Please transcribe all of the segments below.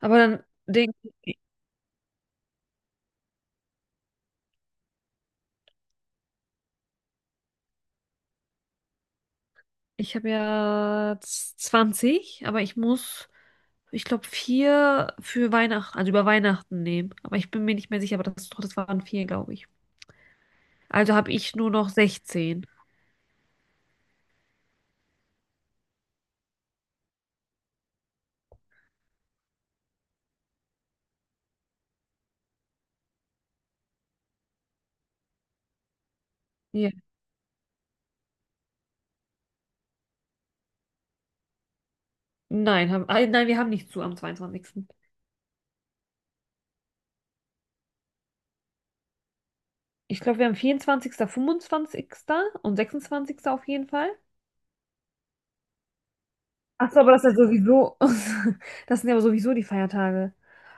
Aber dann denke ich, ich habe ja 20, aber ich muss, ich glaube, vier für Weihnachten, also über Weihnachten nehmen. Aber ich bin mir nicht mehr sicher, aber das, doch, das waren 4, glaube ich. Also habe ich nur noch 16. Ja. Nein, nein, wir haben nicht zu am zweiundzwanzigsten. Ich glaube, wir haben 24., 25. und 26. auf jeden Fall. Ach so, aber das ist ja sowieso, das sind ja sowieso die Feiertage.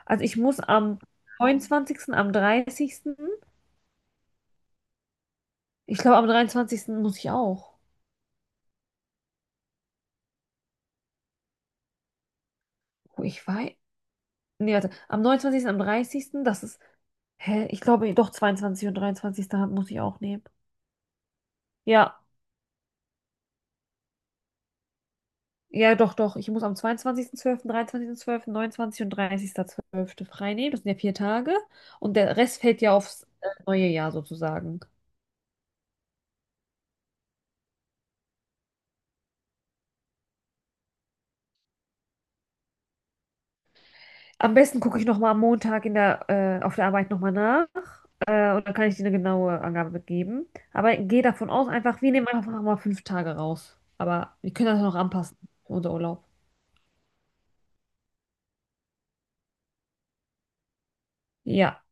Also ich muss am neunundzwanzigsten, am dreißigsten. Ich glaube, am dreiundzwanzigsten muss ich auch. Oh, ich weiß. Nee, warte. Am neunundzwanzigsten, am dreißigsten, das ist. Hä? Ich glaube, doch, 22. und 23. Muss ich auch nehmen. Ja. Ja, doch, doch. Ich muss am zweiundzwanzigsten, zwölften, dreiundzwanzigsten, zwölften, 29. und 30.12. frei nehmen. Das sind ja 4 Tage. Und der Rest fällt ja aufs neue Jahr sozusagen. Am besten gucke ich nochmal am Montag auf der Arbeit nochmal nach. Und dann kann ich dir eine genaue Angabe mitgeben. Aber gehe davon aus, einfach, wir nehmen einfach mal 5 Tage raus. Aber wir können das ja noch anpassen für unser Urlaub. Ja.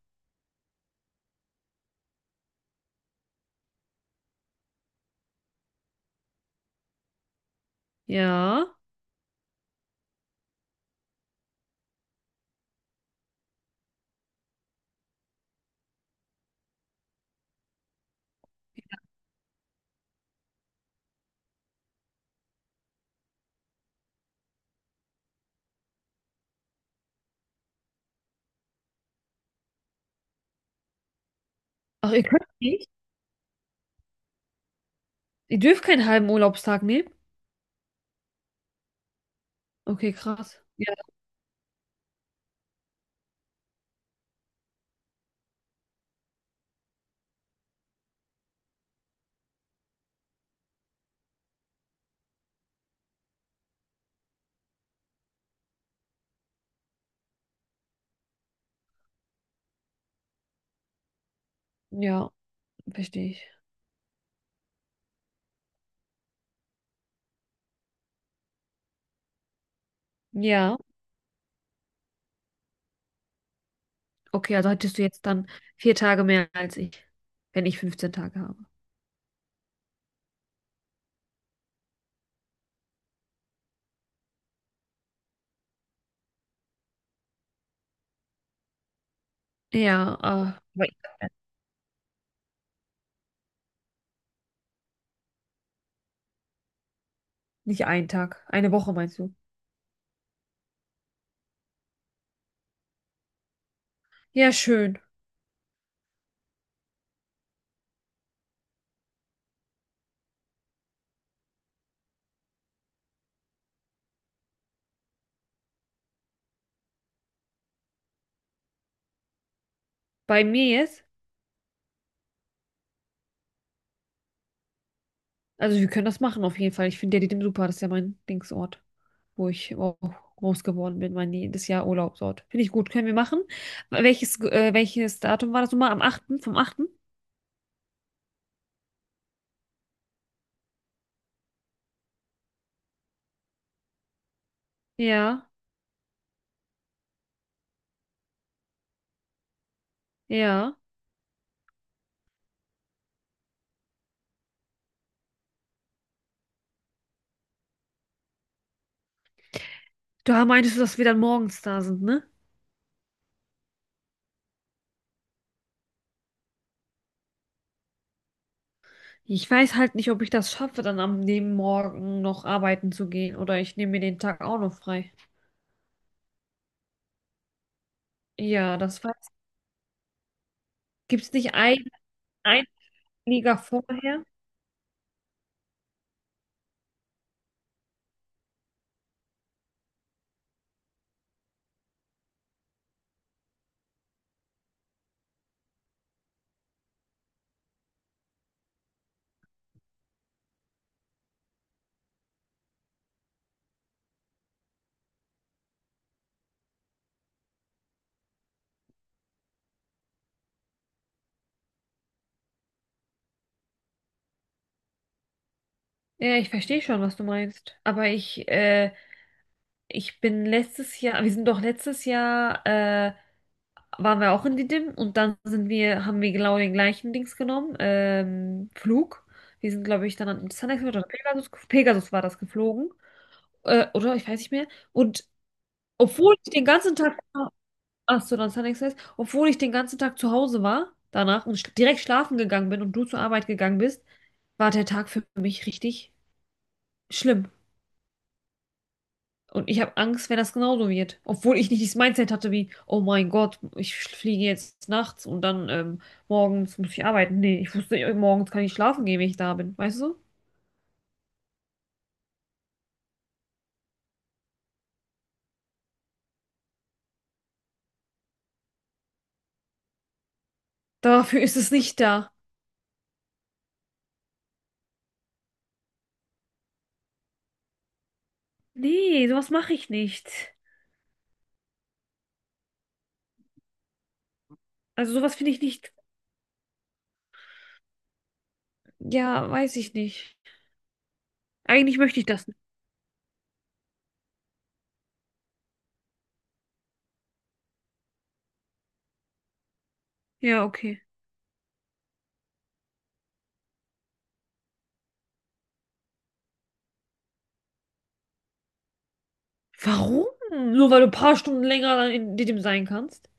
Ja. Ach, ihr könnt nicht? Ihr dürft keinen halben Urlaubstag nehmen? Okay, krass. Ja, ja, verstehe ich. Ja. Okay, also hättest du jetzt dann vier Tage mehr als ich, wenn ich 15 Tage habe. Ja, aber nicht einen Tag. Eine Woche meinst du? Ja, schön. Bei mir jetzt? Also wir können das machen auf jeden Fall. Ich finde Diadem super. Das ist ja mein Dingsort, wo ich auch groß geworden bin, mein jedes Jahr Urlaubsort. Finde ich gut. Können wir machen. Welches Datum war das nochmal? Am achten vom achten? Ja, ja. Da meintest du, dass wir dann morgens da sind, ne? Ich weiß halt nicht, ob ich das schaffe, dann am dem Morgen noch arbeiten zu gehen oder ich nehme mir den Tag auch noch frei. Ja, das weiß ich. Gibt es nicht ein Liga vorher? Ja, ich verstehe schon, was du meinst. Aber ich bin letztes Jahr, wir sind doch letztes Jahr, waren wir auch in Didim und dann sind wir, haben wir genau den gleichen Dings genommen, Flug. Wir sind, glaube ich, dann an Sunrise oder Pegasus, Pegasus war das geflogen, oder ich weiß nicht mehr. Und obwohl ich den ganzen Tag, ach so, dann Sunrise, obwohl ich den ganzen Tag zu Hause war danach und sch direkt schlafen gegangen bin und du zur Arbeit gegangen bist, war der Tag für mich richtig schlimm. Und ich habe Angst, wenn das genauso wird. Obwohl ich nicht dieses Mindset hatte wie, oh mein Gott, ich fliege jetzt nachts und dann morgens muss ich arbeiten. Nee, ich wusste, morgens kann ich schlafen gehen, wenn ich da bin. Weißt du? Dafür ist es nicht da. Nee, sowas mache ich nicht. Also sowas finde ich nicht. Ja, weiß ich nicht. Eigentlich möchte ich das nicht. Ja, okay. Warum? Nur weil du ein paar Stunden länger dann in dem sein kannst?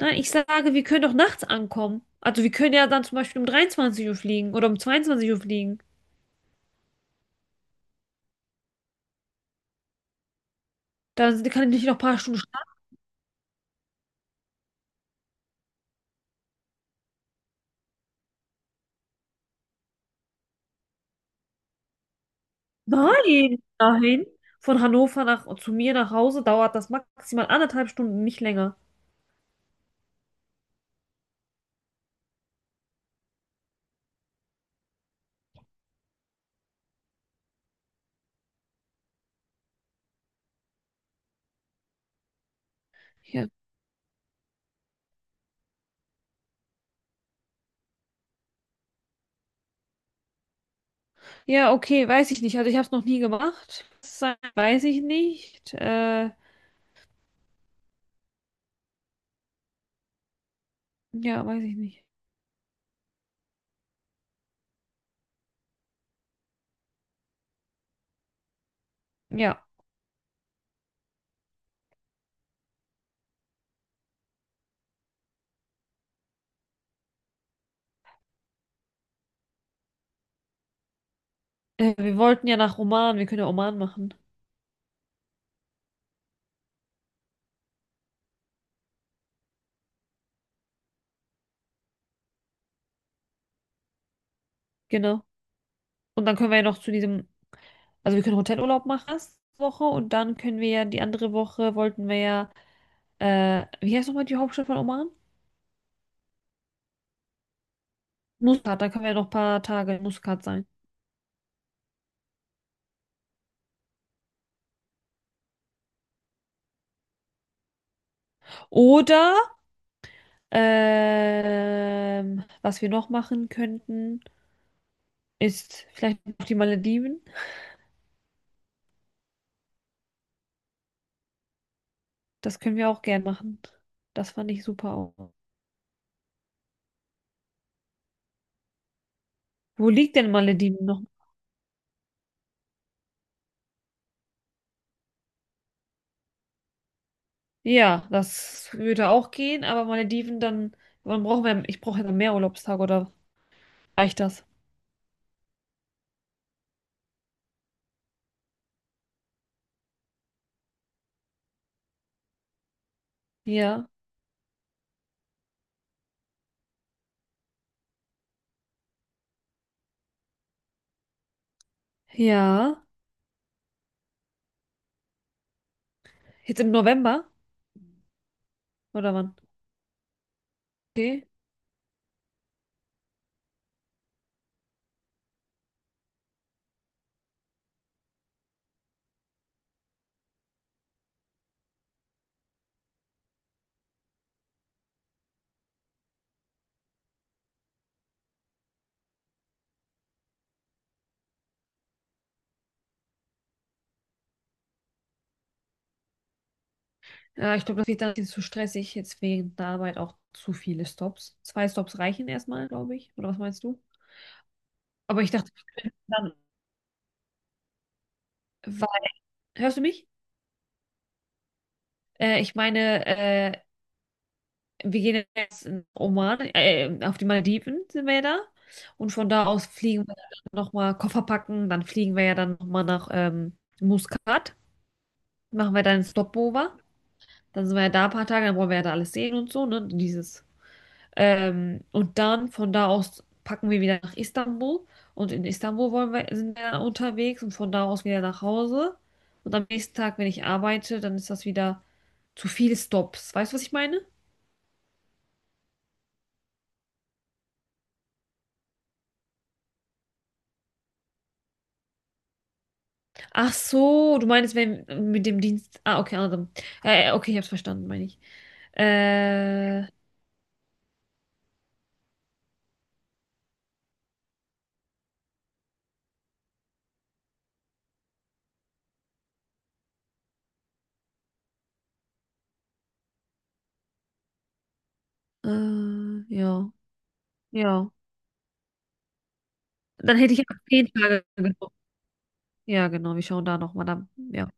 Nein, ich sage, wir können doch nachts ankommen. Also wir können ja dann zum Beispiel um 23 Uhr fliegen oder um 22 Uhr fliegen. Da kann ich nicht noch ein paar Stunden schlafen. Nein, dahin. Von Hannover nach, zu mir nach Hause dauert das maximal anderthalb Stunden, nicht länger. Ja, ja, okay, weiß ich nicht. Also ich habe es noch nie gemacht. Das weiß ich nicht. Ja, weiß ich nicht. Ja, wir wollten ja nach Oman. Wir können ja Oman machen. Genau. Und dann können wir ja noch zu diesem, also wir können Hotelurlaub machen erste Woche und dann können wir ja die andere Woche wollten wir ja, wie heißt nochmal die Hauptstadt von Oman? Muscat. Da können wir ja noch ein paar Tage in Muscat sein. Oder. Was wir noch machen könnten, ist vielleicht noch die Malediven. Das können wir auch gern machen. Das fand ich super auch. Wo liegt denn Malediven noch? Ja, das würde auch gehen, aber Malediven dann, wann brauchen wir, ich brauche ja dann mehr Urlaubstage oder reicht das? Ja, ja. Jetzt im November oder wann? Okay. Ja, ich glaube, das wird dann ein bisschen zu stressig, jetzt wegen der Arbeit auch zu viele Stops. Zwei Stops reichen erstmal, glaube ich. Oder was meinst du? Aber ich dachte, dann. Hörst du mich? Ich meine, wir gehen jetzt in Oman, auf die Malediven sind wir ja da. Und von da aus fliegen wir dann nochmal Koffer packen, dann fliegen wir ja dann nochmal nach Muscat, machen wir dann einen Stopover. Dann sind wir ja da ein paar Tage, dann wollen wir ja da alles sehen und so, ne? Dieses. Und dann von da aus packen wir wieder nach Istanbul. Und in Istanbul wollen wir, sind wir dann unterwegs und von da aus wieder nach Hause. Und am nächsten Tag, wenn ich arbeite, dann ist das wieder zu viele Stops. Weißt du, was ich meine? Ach so, du meinst, wenn mit dem Dienst. Ah, okay, also. Okay, ich hab's verstanden, meine ich. Äh, äh, ja, ja. Dann hätte ich auch 10 Tage gebraucht. Ja, genau, wir schauen da nochmal dann. Ja.